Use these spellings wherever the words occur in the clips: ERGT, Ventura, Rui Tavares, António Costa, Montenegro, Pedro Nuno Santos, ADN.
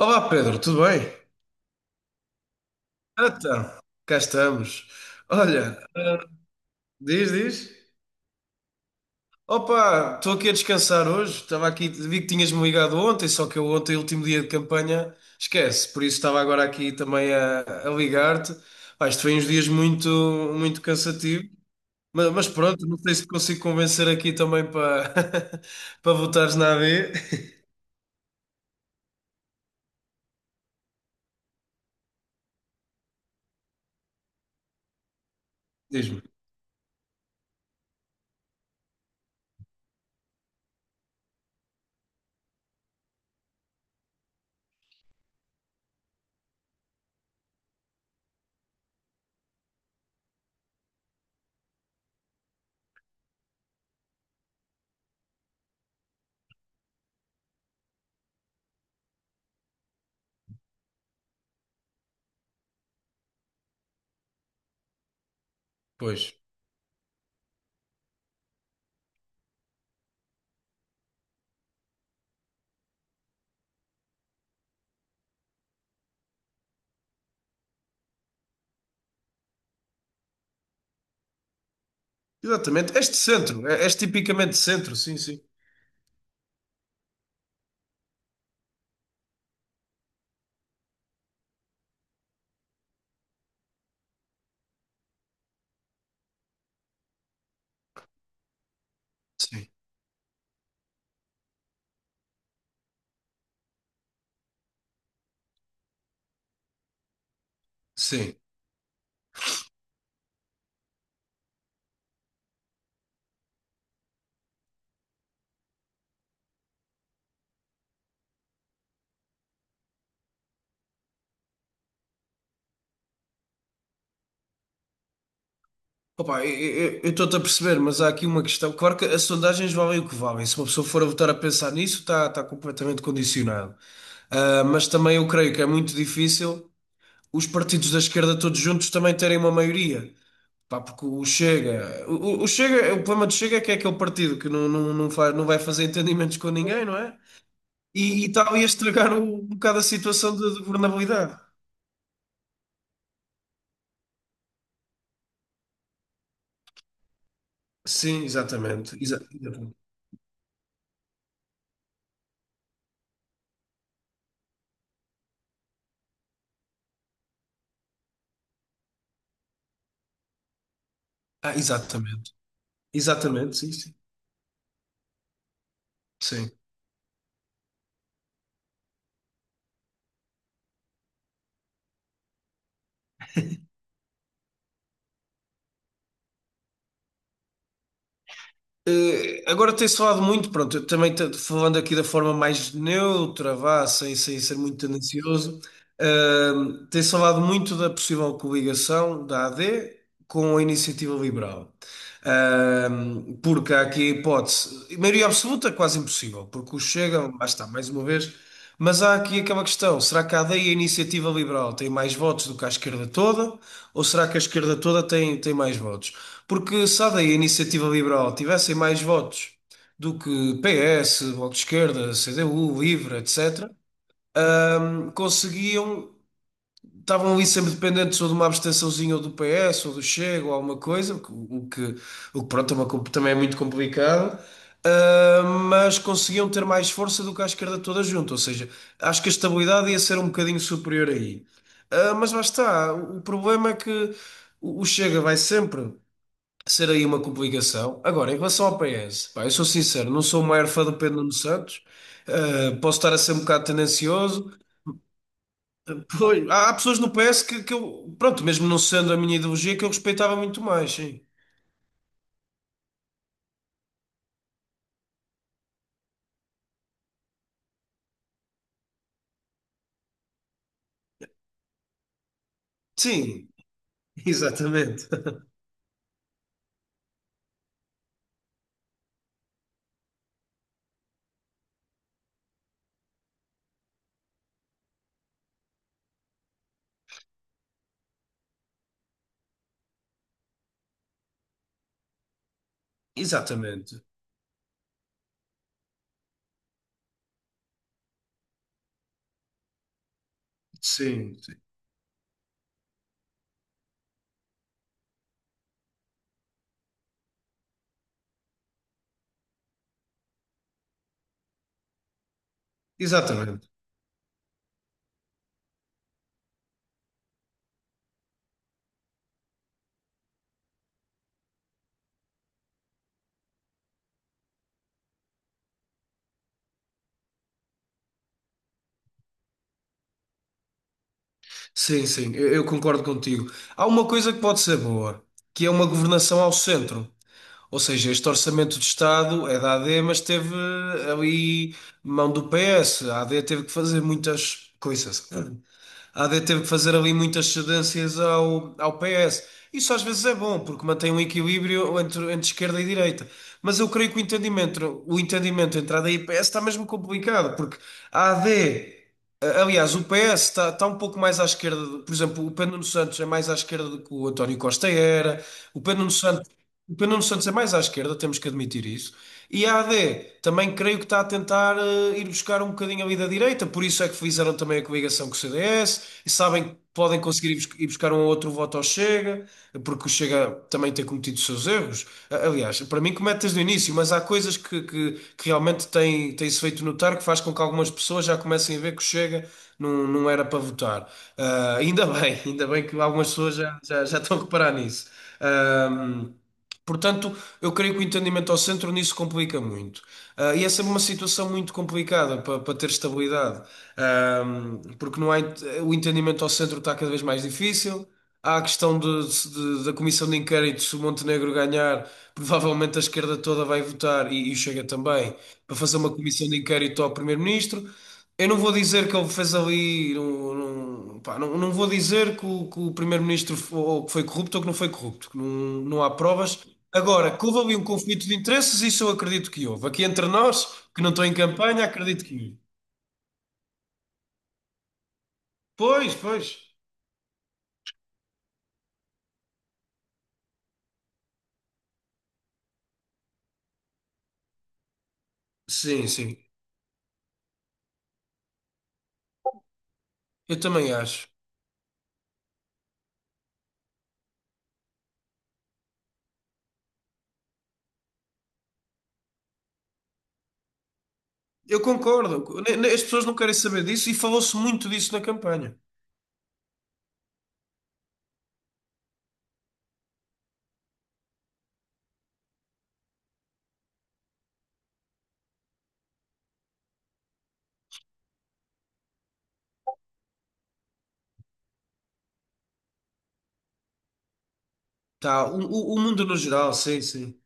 Olá, Pedro, tudo bem? Então, cá estamos. Olha, diz, diz. Opa, estou aqui a descansar hoje. Estava aqui, vi que tinhas-me ligado ontem, só que eu ontem, último dia de campanha, esquece. Por isso estava agora aqui também a ligar-te. Pá, isto foi uns dias muito, muito cansativo. Mas pronto, não sei se te consigo convencer aqui também para para votares na AD. Diz-me. Pois. Exatamente. Este centro, és tipicamente centro, sim, sim. Sim, sim. Opa, eu estou-te a perceber, mas há aqui uma questão. Claro que as sondagens valem o que valem. Se uma pessoa for a votar a pensar nisso, está completamente condicionado. Ah, mas também eu creio que é muito difícil os partidos da esquerda todos juntos também terem uma maioria. Pá, porque o Chega, o problema do Chega é que é aquele partido que não faz, não vai fazer entendimentos com ninguém, não é? E tal, ia estragar um bocado a situação de governabilidade. Sim, exatamente. Exatamente. Ah, exatamente. Exatamente, sim, sim. Sim. Agora, tem-se falado muito, pronto, eu também, falando aqui da forma mais neutra, vá, sem ser muito tendencioso, eh, tem-se falado muito da possível coligação da AD com a iniciativa liberal. Eh, Porque há aqui a hipótese, maioria absoluta é quase impossível, porque o Chega, lá está, mais uma vez. Mas há aqui aquela questão: será que a AD e a iniciativa liberal têm mais votos do que a esquerda toda? Ou será que a esquerda toda tem mais votos? Porque se a AD a Iniciativa Liberal tivessem mais votos do que PS, Bloco de Esquerda, CDU, Livre, etc., conseguiam. Estavam ali sempre dependentes ou de uma abstençãozinha ou do PS ou do Chega ou alguma coisa, o que, pronto, é uma também é muito complicado, mas conseguiam ter mais força do que a esquerda toda junto. Ou seja, acho que a estabilidade ia ser um bocadinho superior aí. Mas lá está, o problema é que o Chega vai sempre ser aí uma complicação. Agora, em relação ao PS, pá, eu sou sincero, não sou o maior fã do Pedro Nuno Santos. Posso estar a ser um bocado tendencioso. Pois, há pessoas no PS que eu, pronto, mesmo não sendo a minha ideologia, que eu respeitava muito mais, sim. Sim, exatamente. Exatamente. Sim, sim. Exatamente. Sim, sim, eu concordo contigo. Há uma coisa que pode ser boa, que é uma governação ao centro. Ou seja, este orçamento de Estado é da AD, mas teve ali mão do PS. A AD teve que fazer muitas coisas. A AD teve que fazer ali muitas cedências ao PS. Isso às vezes é bom, porque mantém um equilíbrio entre esquerda e direita. Mas eu creio que o entendimento entre a D e PS está mesmo complicado, porque a AD. Aliás, o PS está um pouco mais à esquerda, por exemplo, o Pedro Nuno Santos é mais à esquerda do que o António Costa era. O Pedro Nuno Santos, o Pedro Nuno Santos é mais à esquerda, temos que admitir isso. E a AD também creio que está a tentar, ir buscar um bocadinho ali da direita, por isso é que fizeram também a coligação com o CDS, e sabem que podem conseguir ir buscar um outro voto ao Chega, porque o Chega também tem cometido os seus erros. Aliás, para mim comete desde o início, mas há coisas que realmente têm-se feito notar, que faz com que algumas pessoas já comecem a ver que o Chega não era para votar. Ainda bem, ainda bem que algumas pessoas já estão a reparar nisso. Portanto, eu creio que o entendimento ao centro nisso complica muito. E essa é uma situação muito complicada para, ter estabilidade. Porque não há, o entendimento ao centro está cada vez mais difícil. Há a questão da comissão de inquérito. Se o Montenegro ganhar, provavelmente a esquerda toda vai votar, e o Chega também, para fazer uma comissão de inquérito ao primeiro-ministro. Eu não vou dizer que ele fez ali. Não, não, pá, não vou dizer que o primeiro-ministro, ou que foi corrupto ou que não foi corrupto, que não há provas. Agora, que houve ali um conflito de interesses, isso eu acredito que houve. Aqui entre nós, que não estou em campanha, acredito que houve. Pois, pois. Sim, sim. Eu também acho. Eu concordo. As pessoas não querem saber disso, e falou-se muito disso na campanha. Tá, o mundo no geral, sim, sim.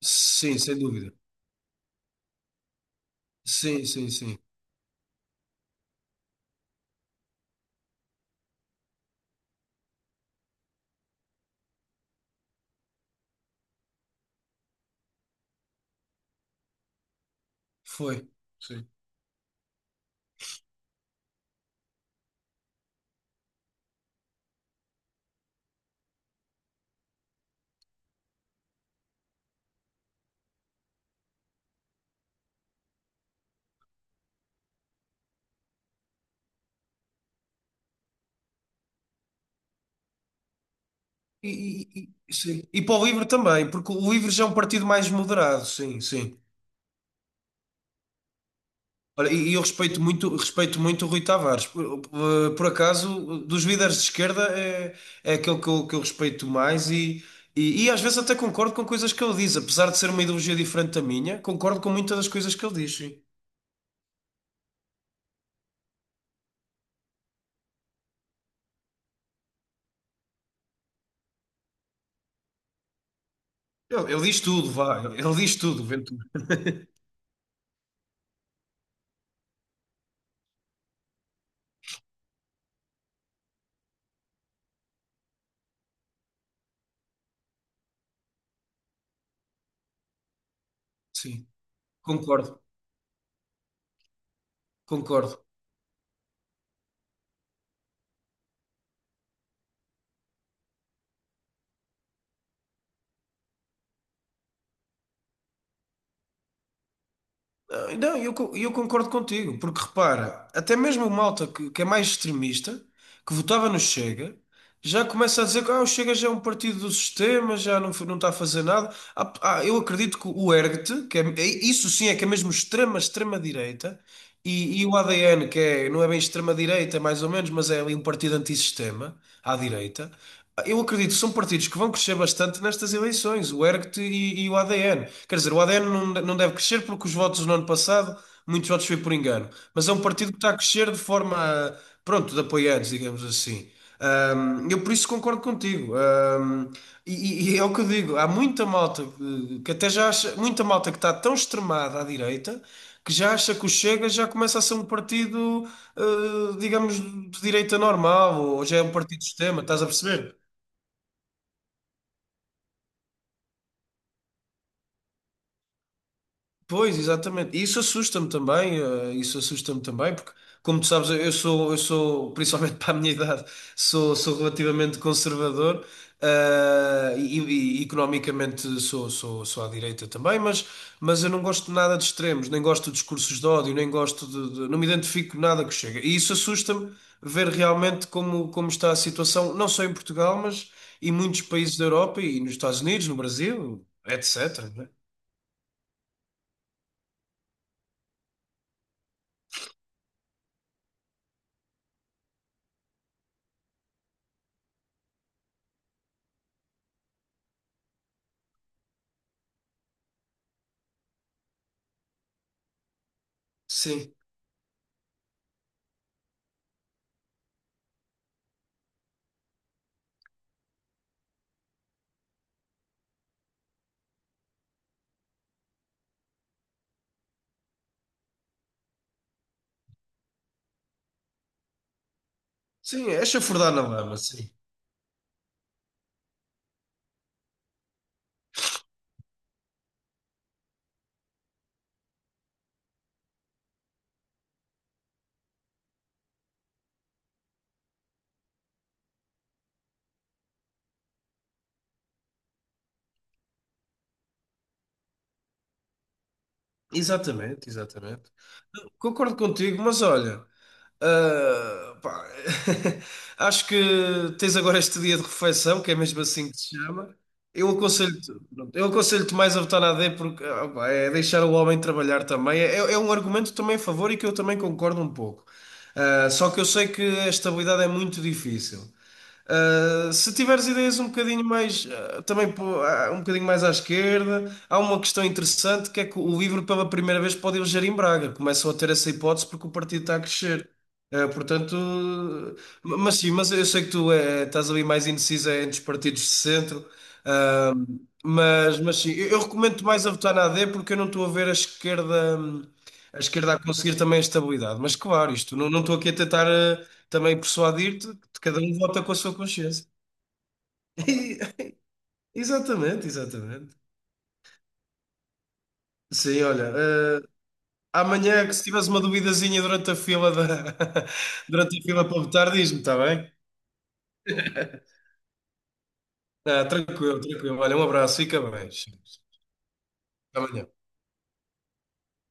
Sim, sem dúvida. Sim, sim, sim. Foi. Sim. Sim. E para o livro também, porque o livro já é um partido mais moderado, sim, sim. Olha, e eu respeito muito o Rui Tavares. Por acaso, dos líderes de esquerda é aquele que eu respeito mais, e às vezes até concordo com coisas que ele diz. Apesar de ser uma ideologia diferente da minha, concordo com muitas das coisas que ele diz, sim. Ele diz tudo, vá, ele diz tudo, Ventura. Sim, concordo, concordo. Não, eu, eu concordo contigo, porque repara, até mesmo o malta que é mais extremista, que votava no Chega, já começa a dizer que, o Chega já é um partido do sistema, já não, não está a fazer nada. Eu acredito que o ERGT, isso sim é que é mesmo extrema, extrema-direita, e o ADN, que é, não é bem extrema-direita, mais ou menos, mas é ali um partido antissistema, à direita. Eu acredito que são partidos que vão crescer bastante nestas eleições, o ERGT e o ADN. Quer dizer, o ADN não, não deve crescer porque os votos no ano passado, muitos votos foi por engano, mas é um partido que está a crescer de forma, pronto, de apoiantes, digamos assim. Eu por isso concordo contigo. E é o que eu digo, há muita malta, que até já acha, muita malta que está tão extremada à direita que já acha que o Chega já começa a ser um partido, eh, digamos, de direita normal, ou já é um partido de sistema, estás a perceber? Pois, exatamente. E isso assusta-me também, isso assusta-me também, porque, como tu sabes, eu sou, principalmente para a minha idade, sou relativamente conservador. E economicamente sou à direita também. Mas eu não gosto de nada de extremos, nem gosto de discursos de ódio, nem gosto não me identifico nada que chega. E isso assusta-me ver realmente como está a situação, não só em Portugal, mas em muitos países da Europa e nos Estados Unidos, no Brasil, etc, né? Sim. Sim, é chafurdar na lama, sim. Exatamente, exatamente. Concordo contigo, mas olha, pá, acho que tens agora este dia de refeição, que é mesmo assim que se chama. Eu aconselho-te, pronto, eu aconselho-te mais a votar na AD, porque, pá, é deixar o homem trabalhar também. É um argumento também a favor e que eu também concordo um pouco. Só que eu sei que a estabilidade é muito difícil. Se tiveres ideias um bocadinho mais, também pô, um bocadinho mais à esquerda, há uma questão interessante, que é que o LIVRE pela primeira vez pode eleger em Braga. Começam a ter essa hipótese, porque o partido está a crescer. Portanto, mas sim, mas eu sei que tu, estás ali mais indecisa entre os partidos de centro, mas sim, eu recomendo mais a votar na A D, porque eu não estou a ver a esquerda, a esquerda a conseguir também a estabilidade. Mas claro, isto, não estou aqui a tentar, também persuadir-te, que cada um vota com a sua consciência. E- Exatamente, exatamente. Sim, olha, amanhã, que se tiveres uma duvidazinha durante a fila da, durante a fila para votar, diz-me, está bem? Ah, tranquilo, tranquilo. Olha, um abraço, fica bem. Até amanhã.